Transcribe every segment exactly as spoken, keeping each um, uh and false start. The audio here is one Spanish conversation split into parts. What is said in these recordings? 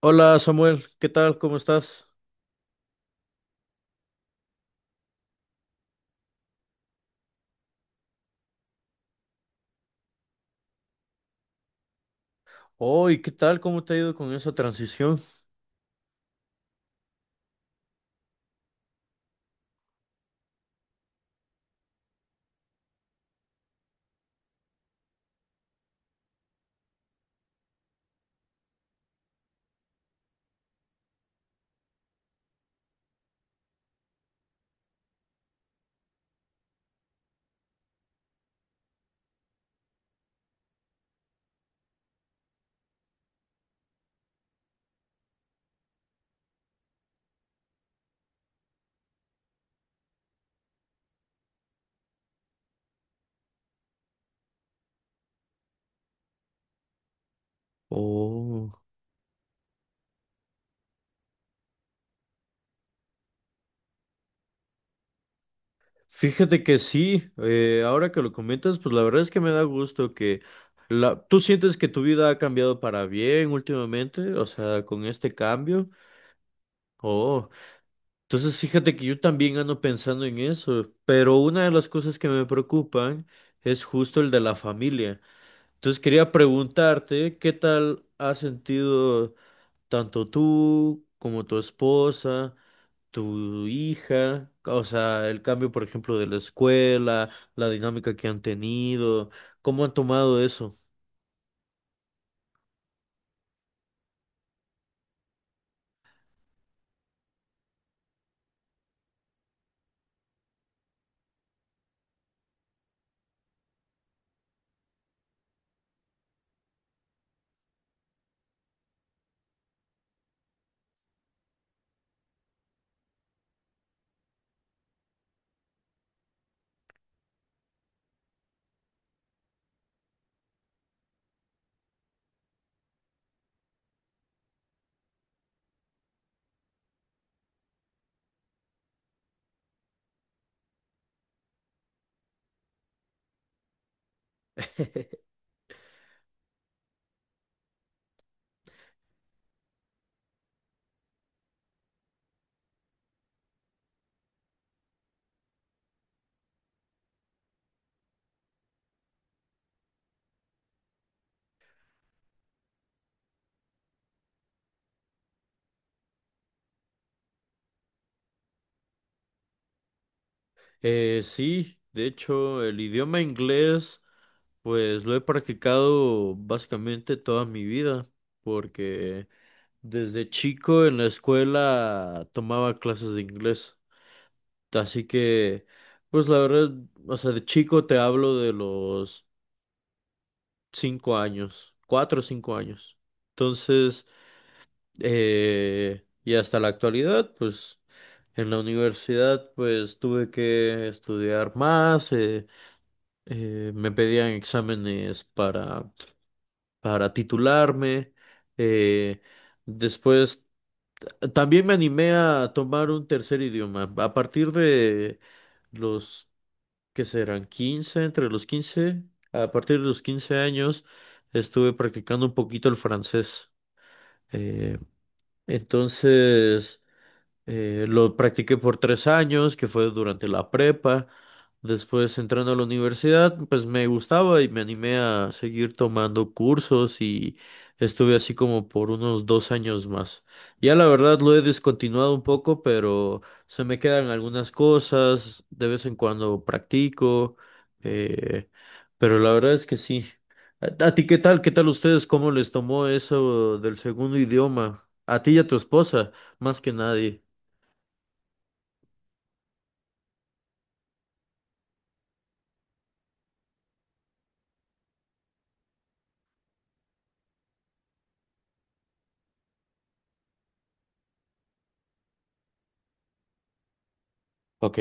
Hola Samuel, ¿qué tal? ¿Cómo estás? Oh, ¿y qué tal? ¿Cómo te ha ido con esa transición? Oh, fíjate que sí, eh, ahora que lo comentas, pues la verdad es que me da gusto que la... ¿Tú sientes que tu vida ha cambiado para bien últimamente? O sea, con este cambio. Oh, entonces fíjate que yo también ando pensando en eso, pero una de las cosas que me preocupan es justo el de la familia. Entonces quería preguntarte, ¿qué tal has sentido tanto tú como tu esposa, tu hija? O sea, el cambio, por ejemplo, de la escuela, la dinámica que han tenido, ¿cómo han tomado eso? Eh, sí, de hecho, el idioma inglés, pues lo he practicado básicamente toda mi vida, porque desde chico en la escuela tomaba clases de inglés, así que, pues la verdad, o sea, de chico te hablo de los cinco años, cuatro o cinco años. Entonces, eh, y hasta la actualidad, pues en la universidad, pues tuve que estudiar más, eh, eh, me pedían exámenes para, para titularme. eh, Después, t- también me animé a tomar un tercer idioma. A partir de los que serán quince entre los quince a partir de los quince años estuve practicando un poquito el francés. Eh, entonces, eh, lo practiqué por tres años, que fue durante la prepa. Después entrando a la universidad, pues me gustaba y me animé a seguir tomando cursos y estuve así como por unos dos años más. Ya la verdad lo he descontinuado un poco, pero se me quedan algunas cosas, de vez en cuando practico, eh, pero la verdad es que sí. ¿A, a ti qué tal? ¿Qué tal ustedes? ¿Cómo les tomó eso del segundo idioma? A ti y a tu esposa, más que nadie. Ok,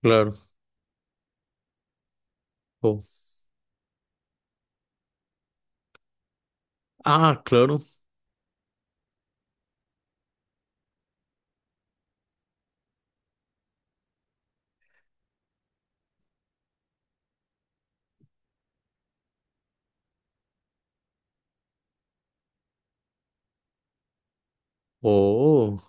claro. Oh, ah, claro. Oh,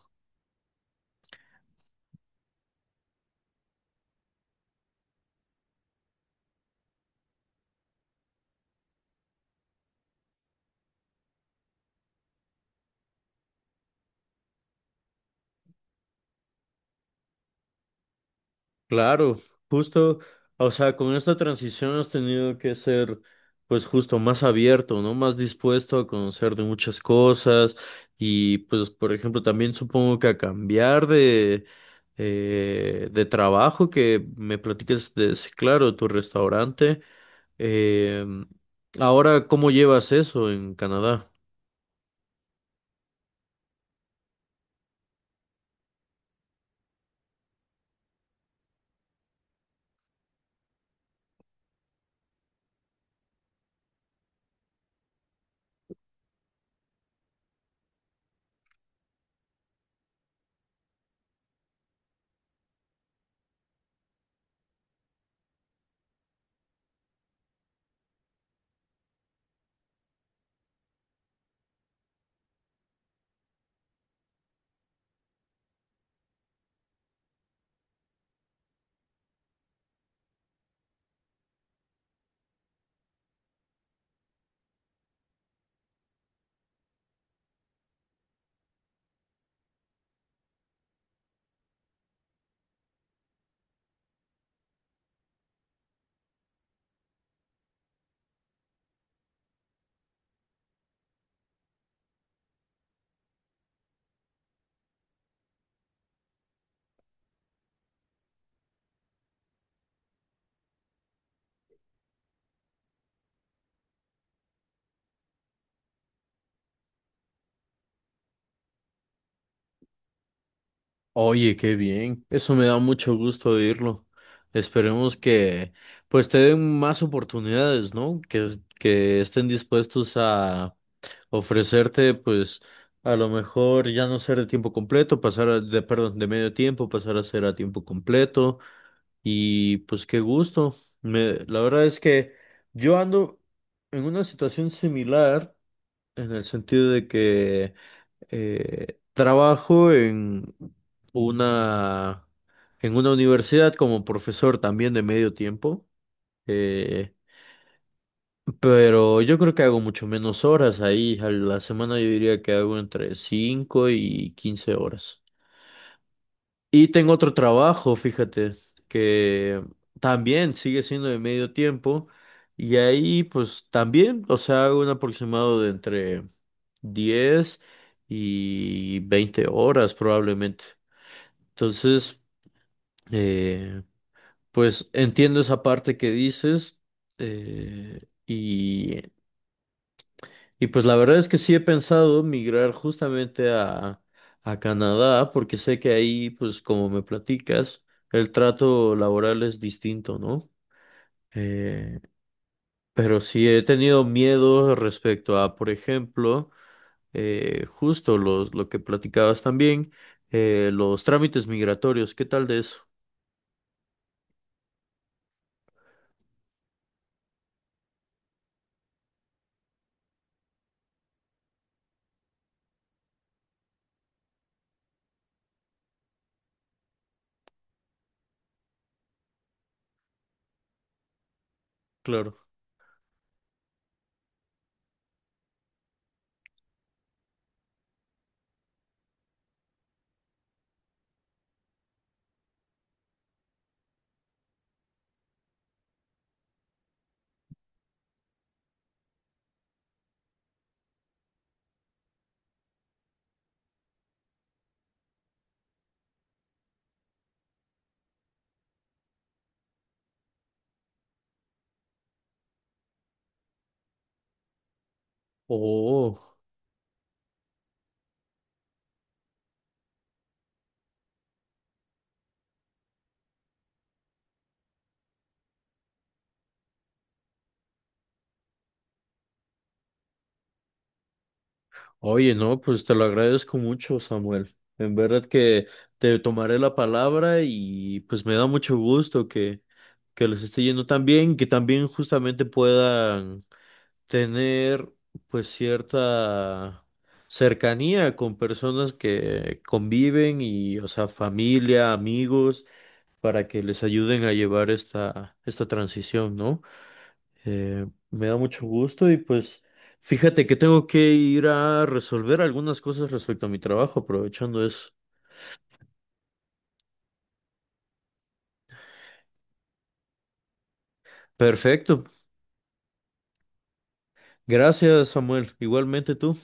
claro. Justo, o sea, con esta transición has tenido que ser, pues justo más abierto, ¿no? Más dispuesto a conocer de muchas cosas y, pues, por ejemplo, también supongo que a cambiar de, eh, de trabajo que me platiques de, sí, claro, tu restaurante. Eh, Ahora, ¿cómo llevas eso en Canadá? Oye, qué bien. Eso me da mucho gusto oírlo. Esperemos que pues te den más oportunidades, ¿no? Que, que estén dispuestos a ofrecerte pues a lo mejor ya no ser de tiempo completo, pasar a- de, perdón, de medio tiempo, pasar a ser a tiempo completo. Y pues qué gusto. Me, la verdad es que yo ando en una situación similar en el sentido de que eh, trabajo en una, en una universidad como profesor también de medio tiempo, eh, pero yo creo que hago mucho menos horas ahí. A la semana yo diría que hago entre cinco y quince horas. Y tengo otro trabajo, fíjate, que también sigue siendo de medio tiempo. Y ahí pues también, o sea, hago un aproximado de entre diez y veinte horas probablemente. Entonces, eh, pues entiendo esa parte que dices eh, y, y pues la verdad es que sí he pensado migrar justamente a, a Canadá porque sé que ahí, pues como me platicas, el trato laboral es distinto, ¿no? Eh, pero sí he tenido miedo respecto a, por ejemplo, eh, justo los, lo que platicabas también, eh, los trámites migratorios, ¿qué tal de eso? Claro. Oh. Oye, no, pues te lo agradezco mucho, Samuel. En verdad que te tomaré la palabra y pues me da mucho gusto que, que les esté yendo tan bien, que también justamente puedan tener pues cierta cercanía con personas que conviven y, o sea, familia, amigos, para que les ayuden a llevar esta, esta transición, ¿no? Eh, me da mucho gusto y pues fíjate que tengo que ir a resolver algunas cosas respecto a mi trabajo, aprovechando eso. Perfecto. Gracias, Samuel. Igualmente tú.